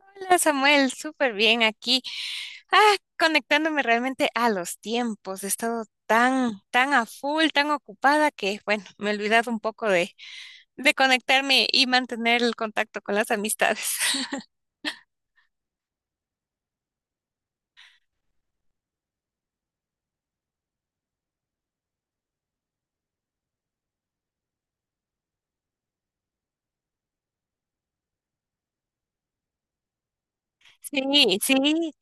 Hola Samuel, súper bien aquí. Ah, conectándome realmente a los tiempos. He estado tan a full, tan ocupada que, bueno, me he olvidado un poco de conectarme y mantener el contacto con las amistades. Sí, sí,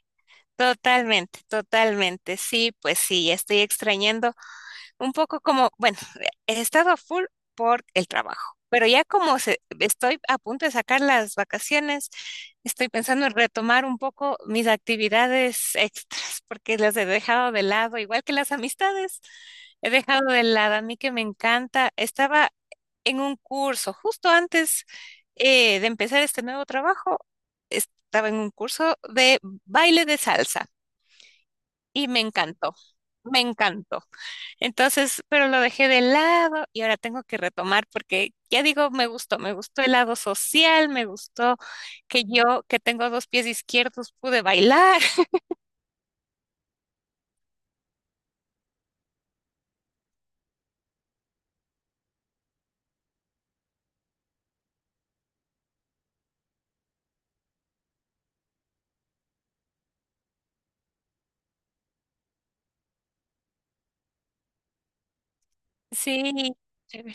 totalmente, totalmente. Sí, pues sí, estoy extrañando. Un poco como, bueno, he estado a full por el trabajo, pero ya como estoy a punto de sacar las vacaciones, estoy pensando en retomar un poco mis actividades extras, porque las he dejado de lado, igual que las amistades, he dejado de lado. A mí que me encanta, estaba en un curso justo antes de empezar este nuevo trabajo, estaba en un curso de baile de salsa y me encantó, me encantó. Entonces, pero lo dejé de lado y ahora tengo que retomar porque ya digo, me gustó el lado social, me gustó que yo, que tengo dos pies izquierdos, pude bailar. Sí, chévere.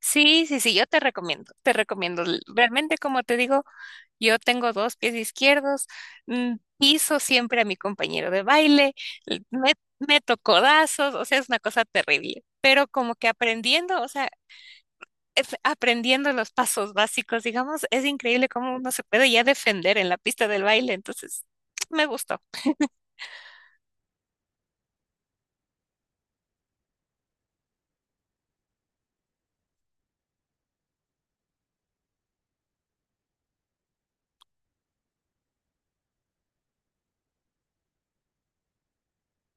Sí, sí, sí, yo te recomiendo, te recomiendo. Realmente, como te digo, yo tengo dos pies izquierdos, piso siempre a mi compañero de baile, l- me, meto codazos, o sea, es una cosa terrible, pero como que aprendiendo, o sea, aprendiendo los pasos básicos, digamos, es increíble cómo uno se puede ya defender en la pista del baile. Entonces, me gustó.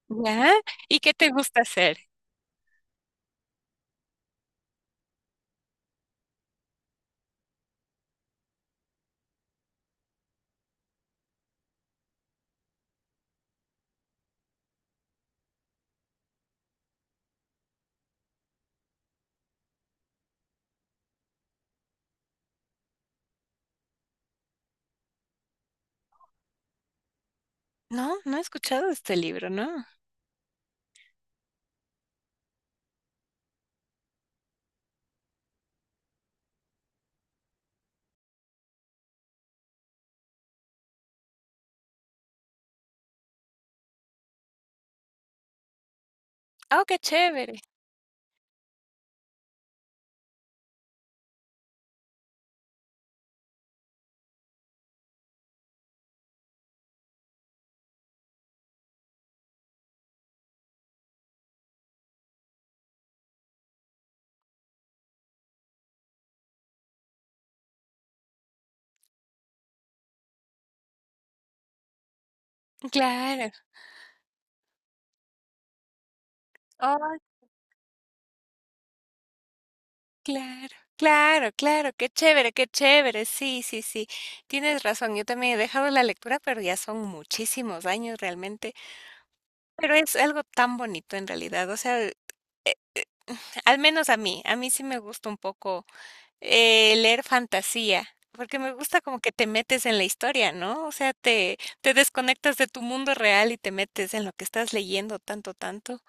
¿Ya? ¿Y qué te gusta hacer? No, no he escuchado de este libro, ¿no? Oh, qué chévere. Claro. Oh, claro. Claro, claro, qué chévere, qué chévere. Sí, sí, sí. Tienes razón. Yo también he dejado la lectura, pero ya son muchísimos años realmente. Pero es algo tan bonito en realidad. O sea, al menos a mí sí me gusta un poco. Leer fantasía, porque me gusta como que te metes en la historia, ¿no? O sea, te desconectas de tu mundo real y te metes en lo que estás leyendo tanto, tanto.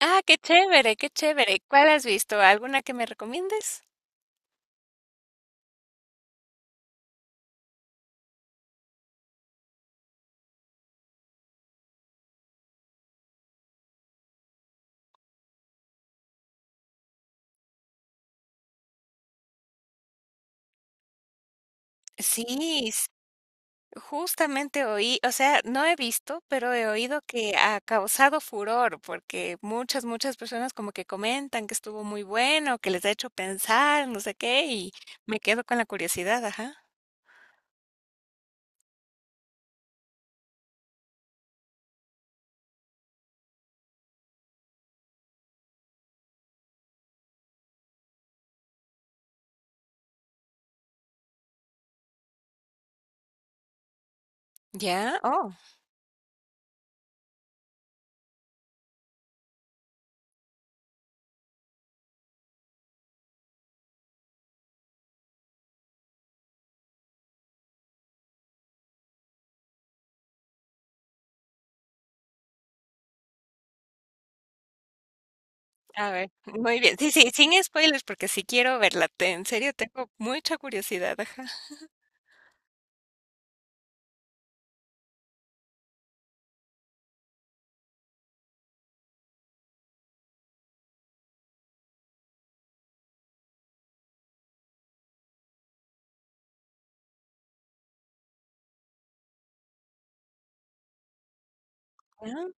Ah, qué chévere, qué chévere. ¿Cuál has visto? ¿Alguna que me recomiendes? Sí, s- justamente oí, o sea, no he visto, pero he oído que ha causado furor, porque muchas, muchas personas como que comentan que estuvo muy bueno, que les ha hecho pensar, no sé qué, y me quedo con la curiosidad, ajá. ¿Ya? Oh. A ver, muy bien. Sí, sí, sin spoilers, porque sí quiero verla. En serio, tengo mucha curiosidad. Ajá. Ah,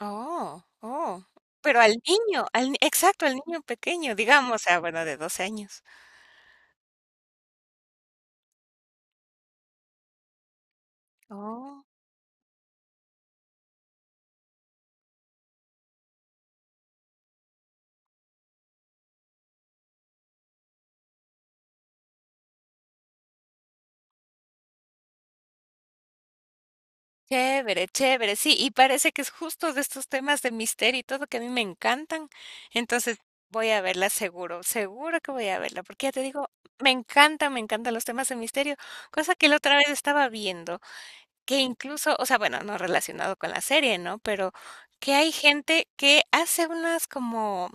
oh, oh. Pero al niño, al, ni- exacto, al niño pequeño, digamos, o sea, bueno, de 12 años. Oh, chévere, chévere. Sí, y parece que es justo de estos temas de misterio y todo que a mí me encantan. Entonces, voy a verla seguro, seguro que voy a verla, porque ya te digo, me encanta, me encantan los temas de misterio, cosa que la otra vez estaba viendo. Que incluso, o sea, bueno, no relacionado con la serie, ¿no? Pero que hay gente que hace unas como,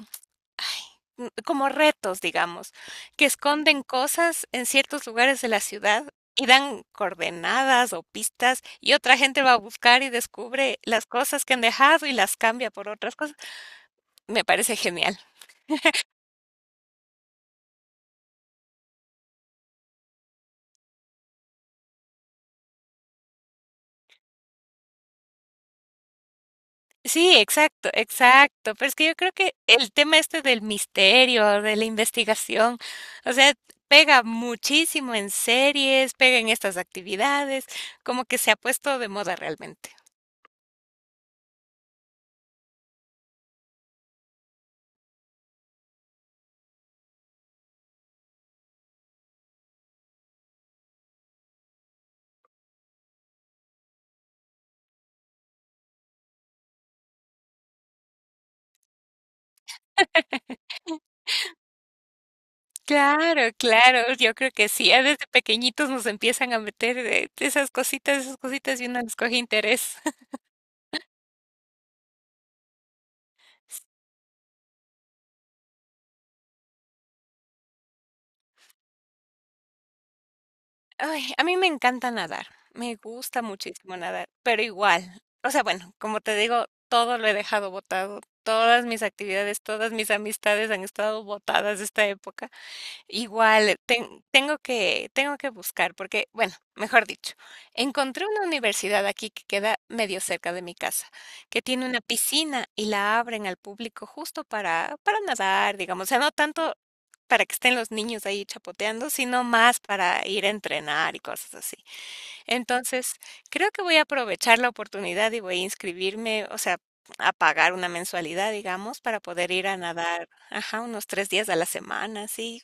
ay, como retos, digamos, que esconden cosas en ciertos lugares de la ciudad y dan coordenadas o pistas y otra gente va a buscar y descubre las cosas que han dejado y las cambia por otras cosas. Me parece genial. Sí, exacto, exacto. Pero es que yo creo que el tema este del misterio, de la investigación, o sea, pega muchísimo en series, pega en estas actividades, como que se ha puesto de moda realmente. Claro, claro, yo creo que sí, ya desde pequeñitos nos empiezan a meter esas cositas y uno les coge interés. Ay, a mí me encanta nadar, me gusta muchísimo nadar, pero igual, o sea, bueno, como te digo, todo lo he dejado botado, todas mis actividades, todas mis amistades han estado botadas esta época. Igual, tengo que buscar, porque, bueno, mejor dicho, encontré una universidad aquí que queda medio cerca de mi casa, que tiene una piscina y la abren al público justo para nadar, digamos, o sea, no tanto para que estén los niños ahí chapoteando, sino más para ir a entrenar y cosas así. Entonces, creo que voy a aprovechar la oportunidad y voy a inscribirme, o sea, a pagar una mensualidad, digamos, para poder ir a nadar, ajá, unos 3 días a la semana, sí.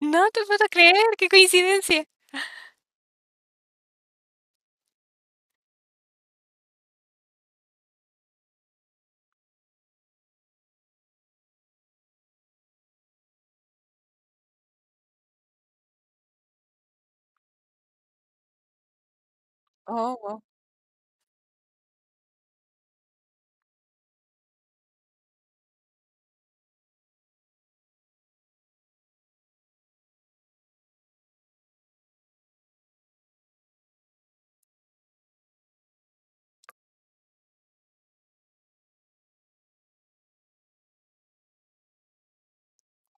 No te puedo creer, qué coincidencia. Oh,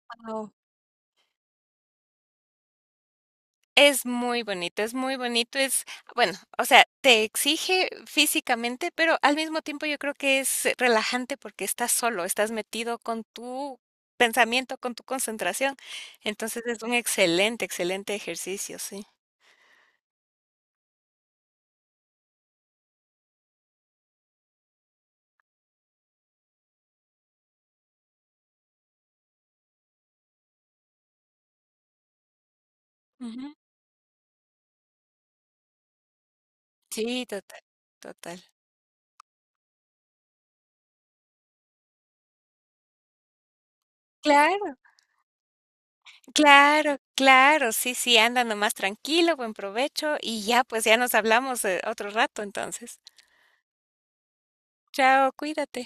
guau. Es muy bonito, es muy bonito, es bueno, o sea, te exige físicamente, pero al mismo tiempo yo creo que es relajante porque estás solo, estás metido con tu pensamiento, con tu concentración. Entonces es un excelente, excelente ejercicio, sí. Ujú. Sí, total, total. Claro, claro, claro, sí, sí, anda nomás tranquilo, buen provecho y ya, pues ya nos hablamos, otro rato entonces. Chao, cuídate.